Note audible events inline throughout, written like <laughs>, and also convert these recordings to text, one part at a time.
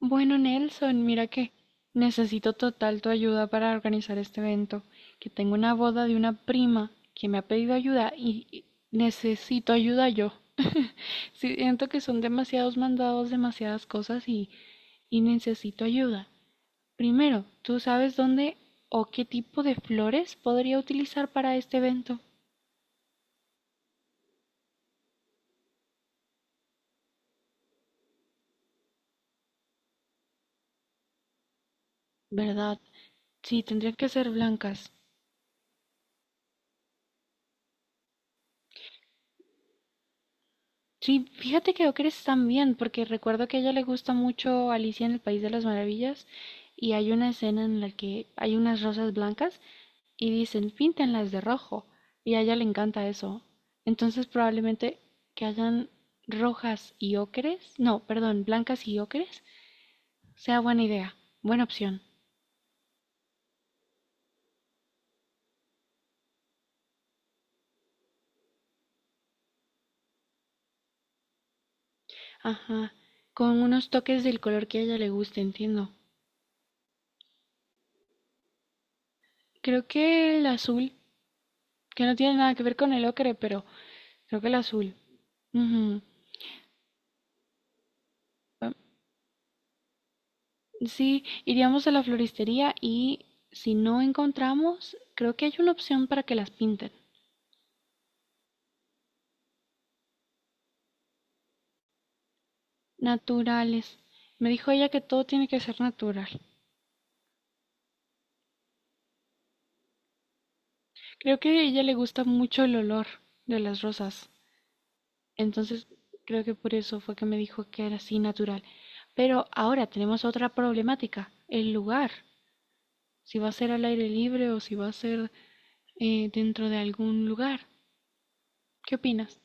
Bueno, Nelson, mira que necesito total tu ayuda para organizar este evento, que tengo una boda de una prima que me ha pedido ayuda y necesito ayuda yo. <laughs> Siento que son demasiados mandados, demasiadas cosas y necesito ayuda. Primero, ¿tú sabes dónde o qué tipo de flores podría utilizar para este evento? ¿Verdad? Sí, tendrían que ser blancas. Sí, fíjate que ocres también, porque recuerdo que a ella le gusta mucho Alicia en el País de las Maravillas y hay una escena en la que hay unas rosas blancas y dicen píntenlas de rojo y a ella le encanta eso. Entonces probablemente que hayan rojas y ocres, no, perdón, blancas y ocres, sea buena idea, buena opción. Ajá, con unos toques del color que a ella le guste, entiendo. Creo que el azul, que no tiene nada que ver con el ocre, pero creo que el azul. Ujú. Sí, iríamos a la floristería y si no encontramos, creo que hay una opción para que las pinten. Naturales. Me dijo ella que todo tiene que ser natural. Creo que a ella le gusta mucho el olor de las rosas. Entonces, creo que por eso fue que me dijo que era así natural. Pero ahora tenemos otra problemática, el lugar. Si va a ser al aire libre o si va a ser dentro de algún lugar. ¿Qué opinas?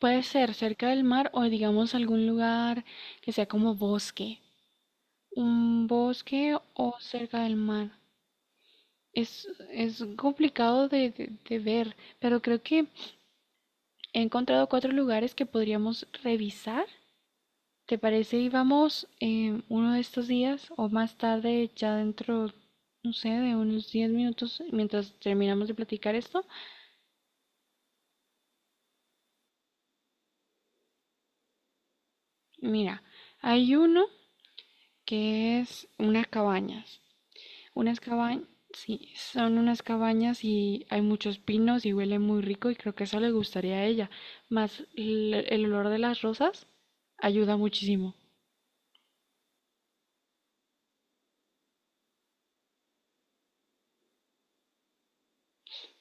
Puede ser cerca del mar o digamos algún lugar que sea como bosque, un bosque o cerca del mar. Es complicado de ver, pero creo que he encontrado cuatro lugares que podríamos revisar. ¿Te parece? Y vamos uno de estos días o más tarde, ya dentro, no sé, de unos 10 minutos, mientras terminamos de platicar esto. Mira, hay uno que es unas cabañas. Unas cabañas, sí, son unas cabañas y hay muchos pinos y huele muy rico y creo que eso le gustaría a ella. Más el olor de las rosas ayuda muchísimo.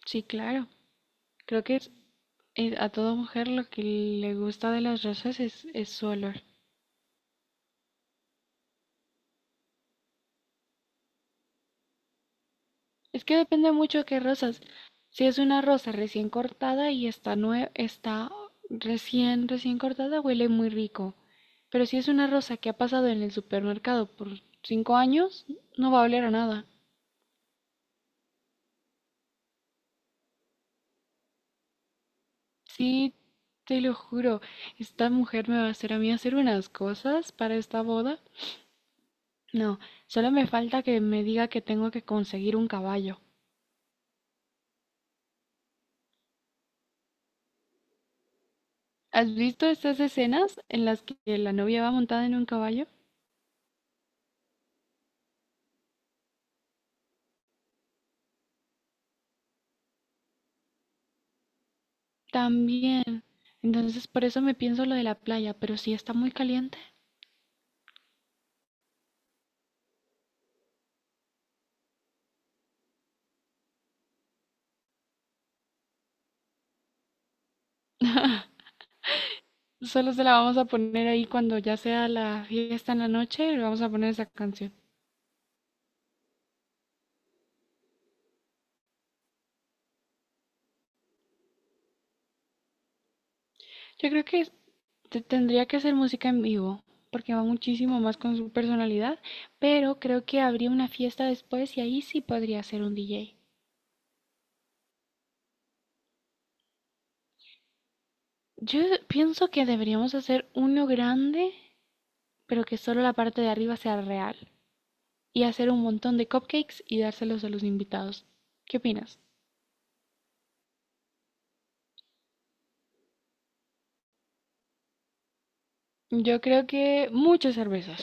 Sí, claro. Creo que es- eh, a toda mujer lo que le gusta de las rosas es su olor. Es que depende mucho de qué rosas. Si es una rosa recién cortada y está, está recién, recién cortada, huele muy rico. Pero si es una rosa que ha pasado en el supermercado por 5 años, no va a oler a nada. Sí, te lo juro, esta mujer me va a hacer a mí hacer unas cosas para esta boda. No, solo me falta que me diga que tengo que conseguir un caballo. ¿Has visto estas escenas en las que la novia va montada en un caballo? También. Entonces, por eso me pienso lo de la playa, pero si está muy caliente, solo se la vamos a poner ahí cuando ya sea la fiesta en la noche, le vamos a poner esa canción. Yo creo que tendría que hacer música en vivo, porque va muchísimo más con su personalidad, pero creo que habría una fiesta después y ahí sí podría ser un DJ. Yo pienso que deberíamos hacer uno grande, pero que solo la parte de arriba sea real, y hacer un montón de cupcakes y dárselos a los invitados. ¿Qué opinas? Yo creo que muchas cervezas.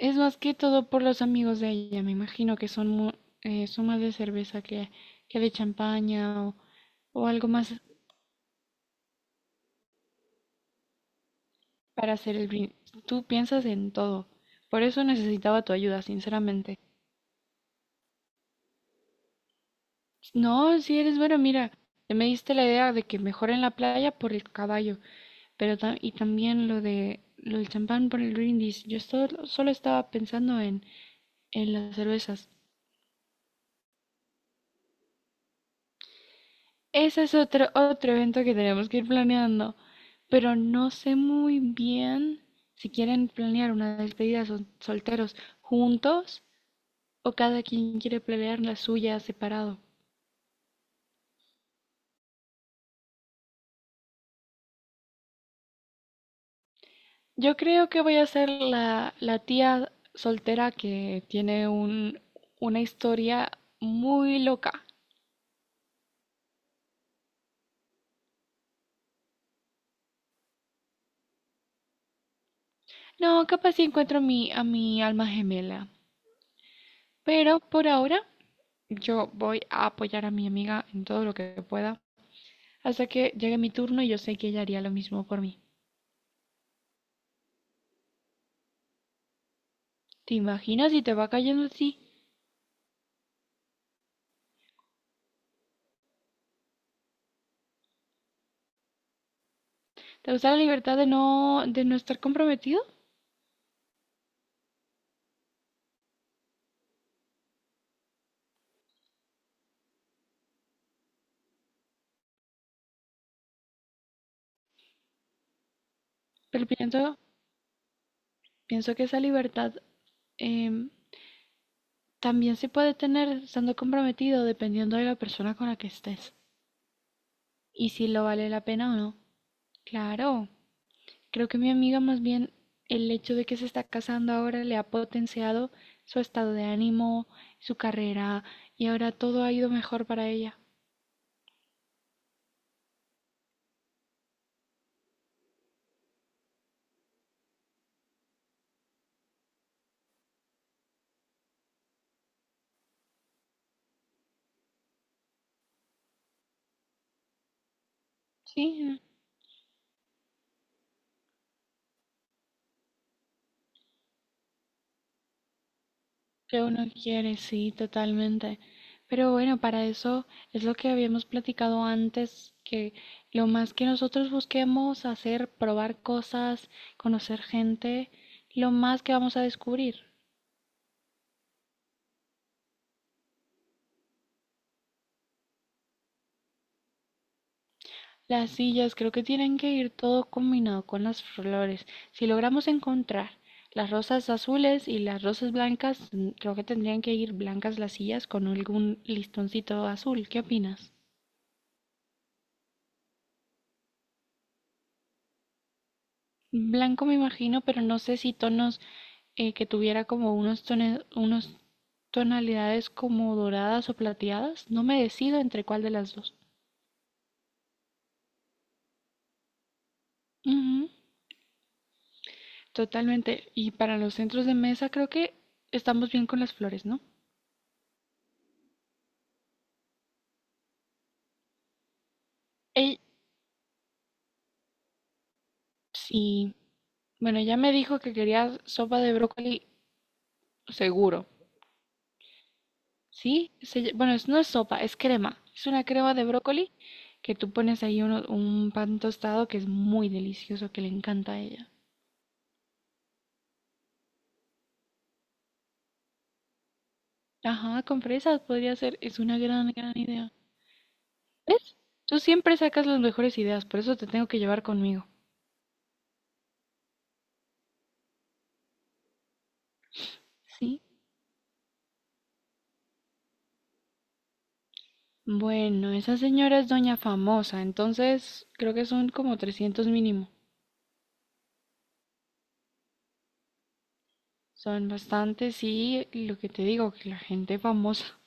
Es más que todo por los amigos de ella. Me imagino que son más de cerveza que de champaña o algo más para hacer el brindis. Tú piensas en todo. Por eso necesitaba tu ayuda, sinceramente. No, si eres bueno, mira, te me diste la idea de que mejor en la playa por el caballo, pero y también lo del champán por el brindis. Yo solo estaba pensando en las cervezas. Ese es otro evento que tenemos que ir planeando, pero no sé muy bien si quieren planear una despedida solteros juntos o cada quien quiere planear la suya separado. Yo creo que voy a ser la tía soltera que tiene un, una historia muy loca. No, capaz si encuentro a a mi alma gemela, pero por ahora yo voy a apoyar a mi amiga en todo lo que pueda hasta que llegue mi turno y yo sé que ella haría lo mismo por mí. ¿Te imaginas si te va cayendo así? ¿Te gusta la libertad de de no estar comprometido? Pero pienso que esa libertad em, también se puede tener estando comprometido dependiendo de la persona con la que estés y si lo vale la pena o no. Claro, creo que mi amiga más bien el hecho de que se está casando ahora le ha potenciado su estado de ánimo, su carrera y ahora todo ha ido mejor para ella. Sí, que uno quiere, sí, totalmente. Pero bueno, para eso es lo que habíamos platicado antes, que lo más que nosotros busquemos hacer, probar cosas, conocer gente, lo más que vamos a descubrir. Las sillas creo que tienen que ir todo combinado con las flores. Si logramos encontrar las rosas azules y las rosas blancas, mm, creo que tendrían que ir blancas las sillas con algún listoncito azul. ¿Qué opinas? Blanco me imagino, pero no sé si tonos que tuviera como unos tonalidades como doradas o plateadas. No me decido entre cuál de las dos. Ujú, totalmente. Y para los centros de mesa creo que estamos bien con las flores, ¿no? Ey, sí. Bueno, ya me dijo que quería sopa de brócoli seguro. ¿Sí? Se ll- bueno, es- No es sopa, es crema. Es una crema de brócoli que tú pones ahí un pan tostado que es muy delicioso, que le encanta a ella. Ajá, con fresas podría ser. Es una gran idea. ¿Ves? Tú siempre sacas las mejores ideas, por eso te tengo que llevar conmigo. Sí, bueno, esa señora es doña famosa, entonces creo que son como 300 mínimo. Son bastantes sí, y lo que te digo, que la gente famosa.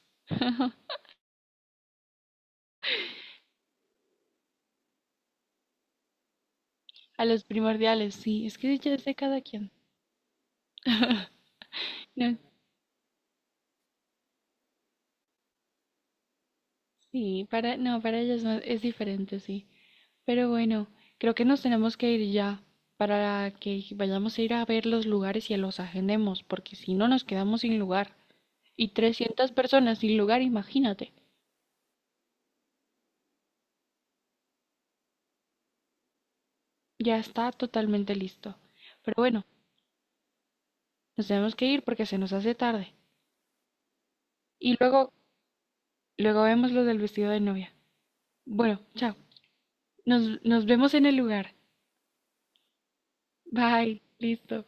<laughs> A los primordiales, sí, es que ya es de cada quien. No, sí, para, no, para ellas no, es diferente, sí. Pero bueno, creo que nos tenemos que ir ya para que vayamos a ir a ver los lugares y los agendemos, porque si no nos quedamos sin lugar. Y 300 personas sin lugar, imagínate. Ya está totalmente listo. Pero bueno, nos tenemos que ir porque se nos hace tarde. Y luego vemos lo del vestido de novia. Bueno, chao. Nos vemos en el lugar. Bye. Listo.